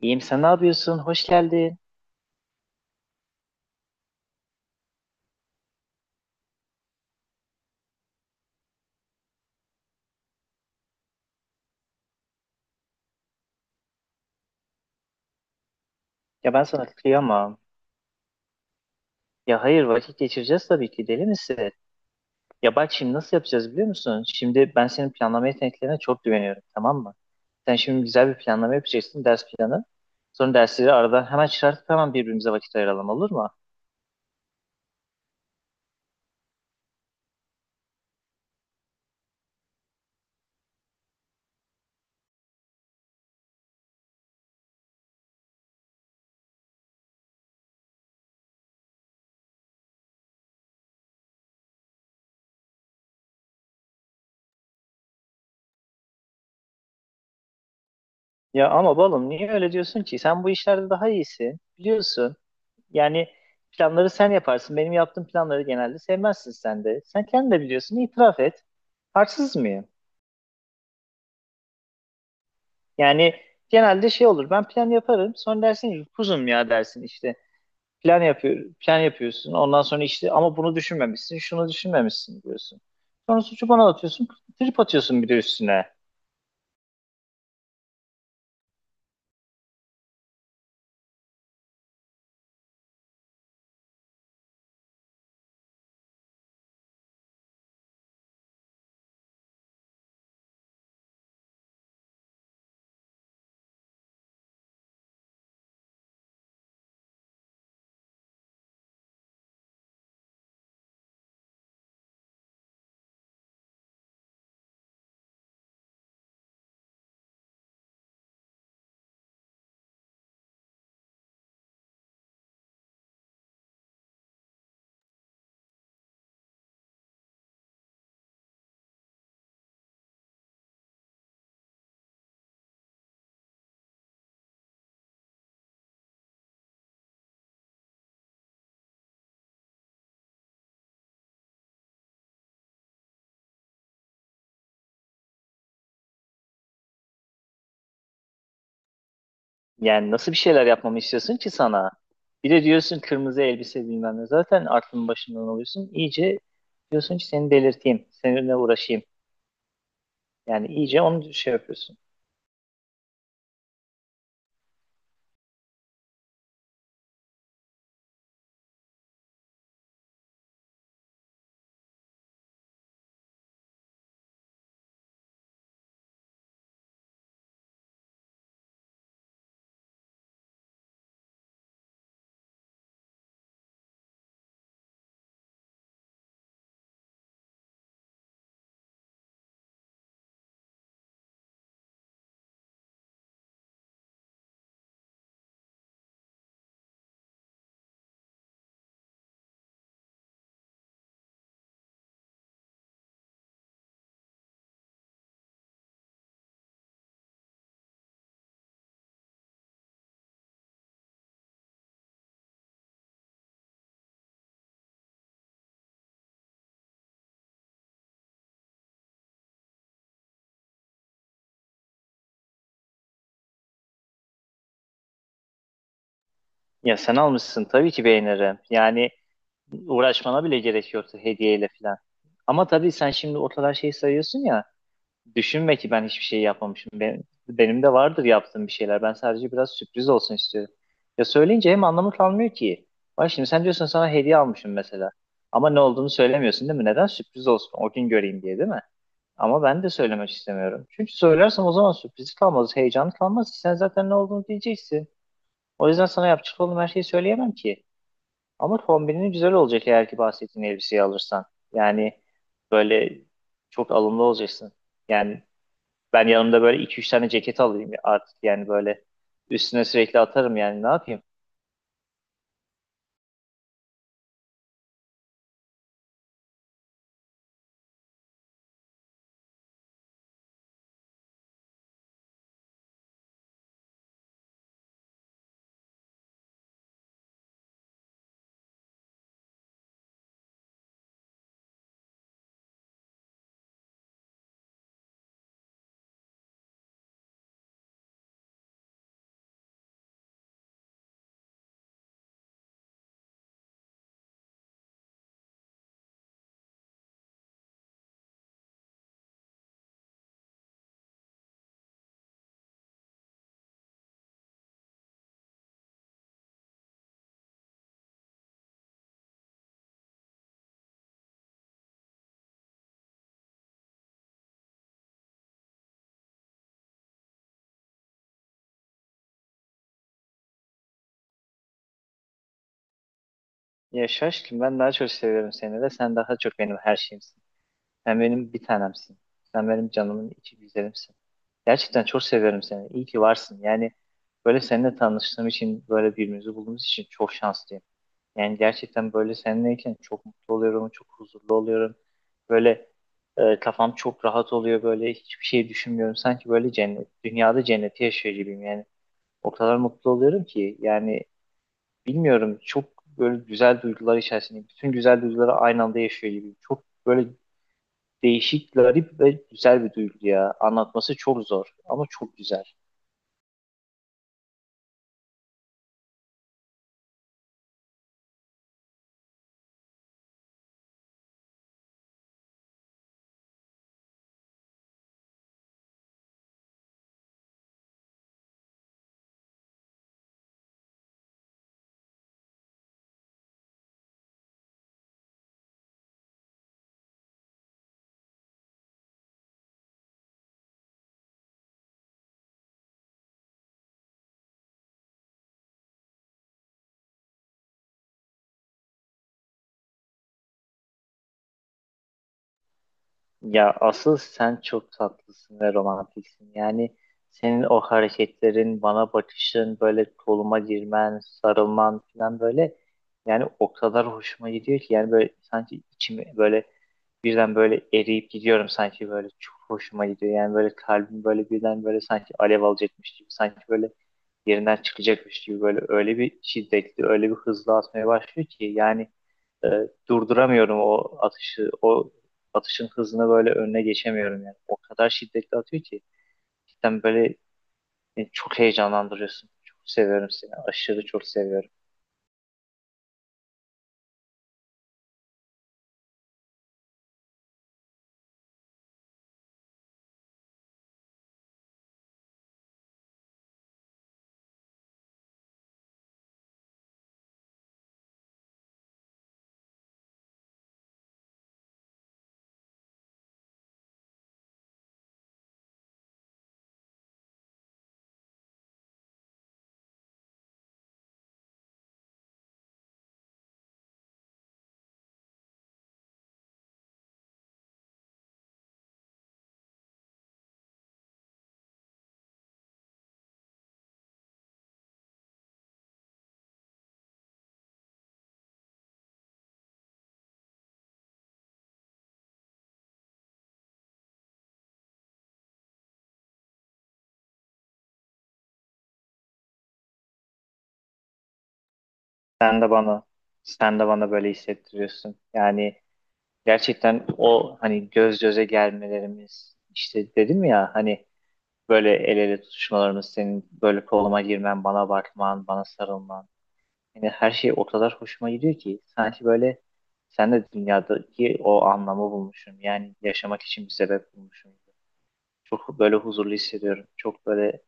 İyiyim, sen ne yapıyorsun? Hoş geldin. Ya ben sana kıyamam. Ya hayır, vakit geçireceğiz tabii ki, deli misin? Ya bak şimdi nasıl yapacağız biliyor musun? Şimdi ben senin planlama yeteneklerine çok güveniyorum, tamam mı? Sen şimdi güzel bir planlama yapacaksın, ders planı. Sonra dersleri aradan hemen çıkartıp hemen birbirimize vakit ayıralım, olur mu? Ya ama balım niye öyle diyorsun ki? Sen bu işlerde daha iyisin, biliyorsun. Yani planları sen yaparsın. Benim yaptığım planları genelde sevmezsin sen de. Sen kendin de biliyorsun, itiraf et. Haksız mıyım? Yani genelde şey olur. Ben plan yaparım. Sonra dersin ki kuzum ya, dersin işte. Plan yapıyor, plan yapıyorsun. Ondan sonra işte ama bunu düşünmemişsin, şunu düşünmemişsin diyorsun. Sonra suçu bana atıyorsun, trip atıyorsun bir de üstüne. Yani nasıl bir şeyler yapmamı istiyorsun ki sana? Bir de diyorsun kırmızı elbise bilmem ne. Zaten aklın başından alıyorsun. İyice diyorsun ki seni delirteyim, seninle uğraşayım. Yani iyice onu şey yapıyorsun. Ya sen almışsın tabii ki beğenirim. Yani uğraşmana bile gerek yoktu hediyeyle falan. Ama tabii sen şimdi o kadar şey sayıyorsun ya. Düşünme ki ben hiçbir şey yapmamışım. Benim de vardır yaptığım bir şeyler. Ben sadece biraz sürpriz olsun istiyorum. Ya söyleyince hem anlamı kalmıyor ki. Bak şimdi sen diyorsun sana hediye almışım mesela. Ama ne olduğunu söylemiyorsun, değil mi? Neden? Sürpriz olsun. O gün göreyim diye, değil mi? Ama ben de söylemek istemiyorum. Çünkü söylersem o zaman sürpriz kalmaz, heyecan kalmaz. Sen zaten ne olduğunu diyeceksin. O yüzden sana yapacak olduğum her şeyi söyleyemem ki. Ama kombinin güzel olacak eğer ki bahsettiğin elbiseyi alırsan. Yani böyle çok alımlı olacaksın. Yani ben yanımda böyle iki üç tane ceket alayım artık, yani böyle üstüne sürekli atarım, yani ne yapayım? Ya şaşkın, ben daha çok seviyorum seni de, sen daha çok benim her şeyimsin. Sen benim bir tanemsin. Sen benim canımın içi güzelimsin. Gerçekten çok seviyorum seni. İyi ki varsın. Yani böyle seninle tanıştığım için, böyle birbirimizi bulduğumuz için çok şanslıyım. Yani gerçekten böyle seninleyken çok mutlu oluyorum, çok huzurlu oluyorum. Böyle kafam çok rahat oluyor, böyle hiçbir şey düşünmüyorum. Sanki böyle cennet, dünyada cenneti yaşıyor gibiyim yani. O kadar mutlu oluyorum ki yani bilmiyorum, çok böyle güzel duygular içerisinde, bütün güzel duyguları aynı anda yaşıyor gibiyim. Çok böyle değişik, garip ve güzel bir duygu ya. Anlatması çok zor ama çok güzel. Ya asıl sen çok tatlısın ve romantiksin. Yani senin o hareketlerin, bana bakışın, böyle koluma girmen, sarılman falan, böyle yani o kadar hoşuma gidiyor ki, yani böyle sanki içimi böyle birden böyle eriyip gidiyorum sanki, böyle çok hoşuma gidiyor. Yani böyle kalbim böyle birden böyle sanki alev alacakmış gibi, sanki böyle yerinden çıkacakmış gibi, böyle öyle bir şiddetli, öyle bir hızlı atmaya başlıyor ki yani e, durduramıyorum o atışı, o atışın hızına böyle önüne geçemiyorum yani. O kadar şiddetli atıyor ki cidden böyle beni çok heyecanlandırıyorsun. Çok seviyorum seni. Aşırı çok seviyorum. Sen de bana sen de bana böyle hissettiriyorsun. Yani gerçekten o hani göz göze gelmelerimiz, işte dedim ya hani, böyle el ele tutuşmalarımız, senin böyle koluma girmen, bana bakman, bana sarılman. Yani her şey o kadar hoşuma gidiyor ki, sanki böyle sen de dünyadaki o anlamı bulmuşum. Yani yaşamak için bir sebep bulmuşum. Çok böyle huzurlu hissediyorum. Çok böyle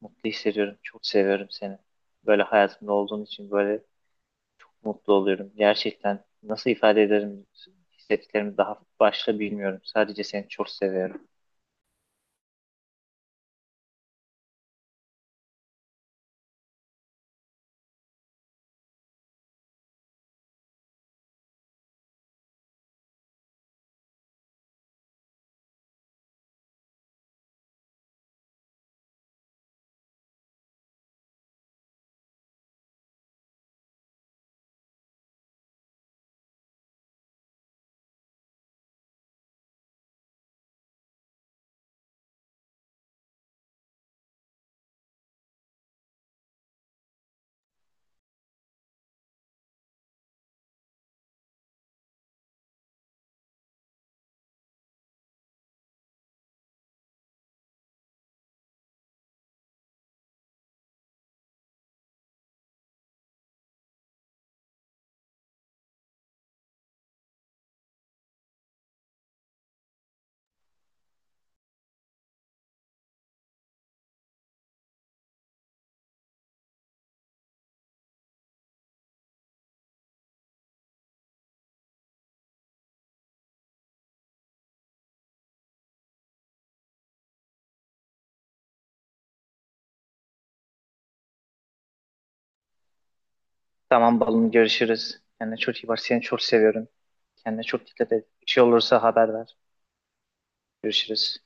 mutlu hissediyorum. Çok seviyorum seni. Böyle hayatımda olduğun için böyle çok mutlu oluyorum. Gerçekten nasıl ifade ederim hissettiklerimi daha başta bilmiyorum. Sadece seni çok seviyorum. Tamam balım, görüşürüz. Kendine çok iyi bak. Seni çok seviyorum. Kendine çok dikkat et. Bir şey olursa haber ver. Görüşürüz.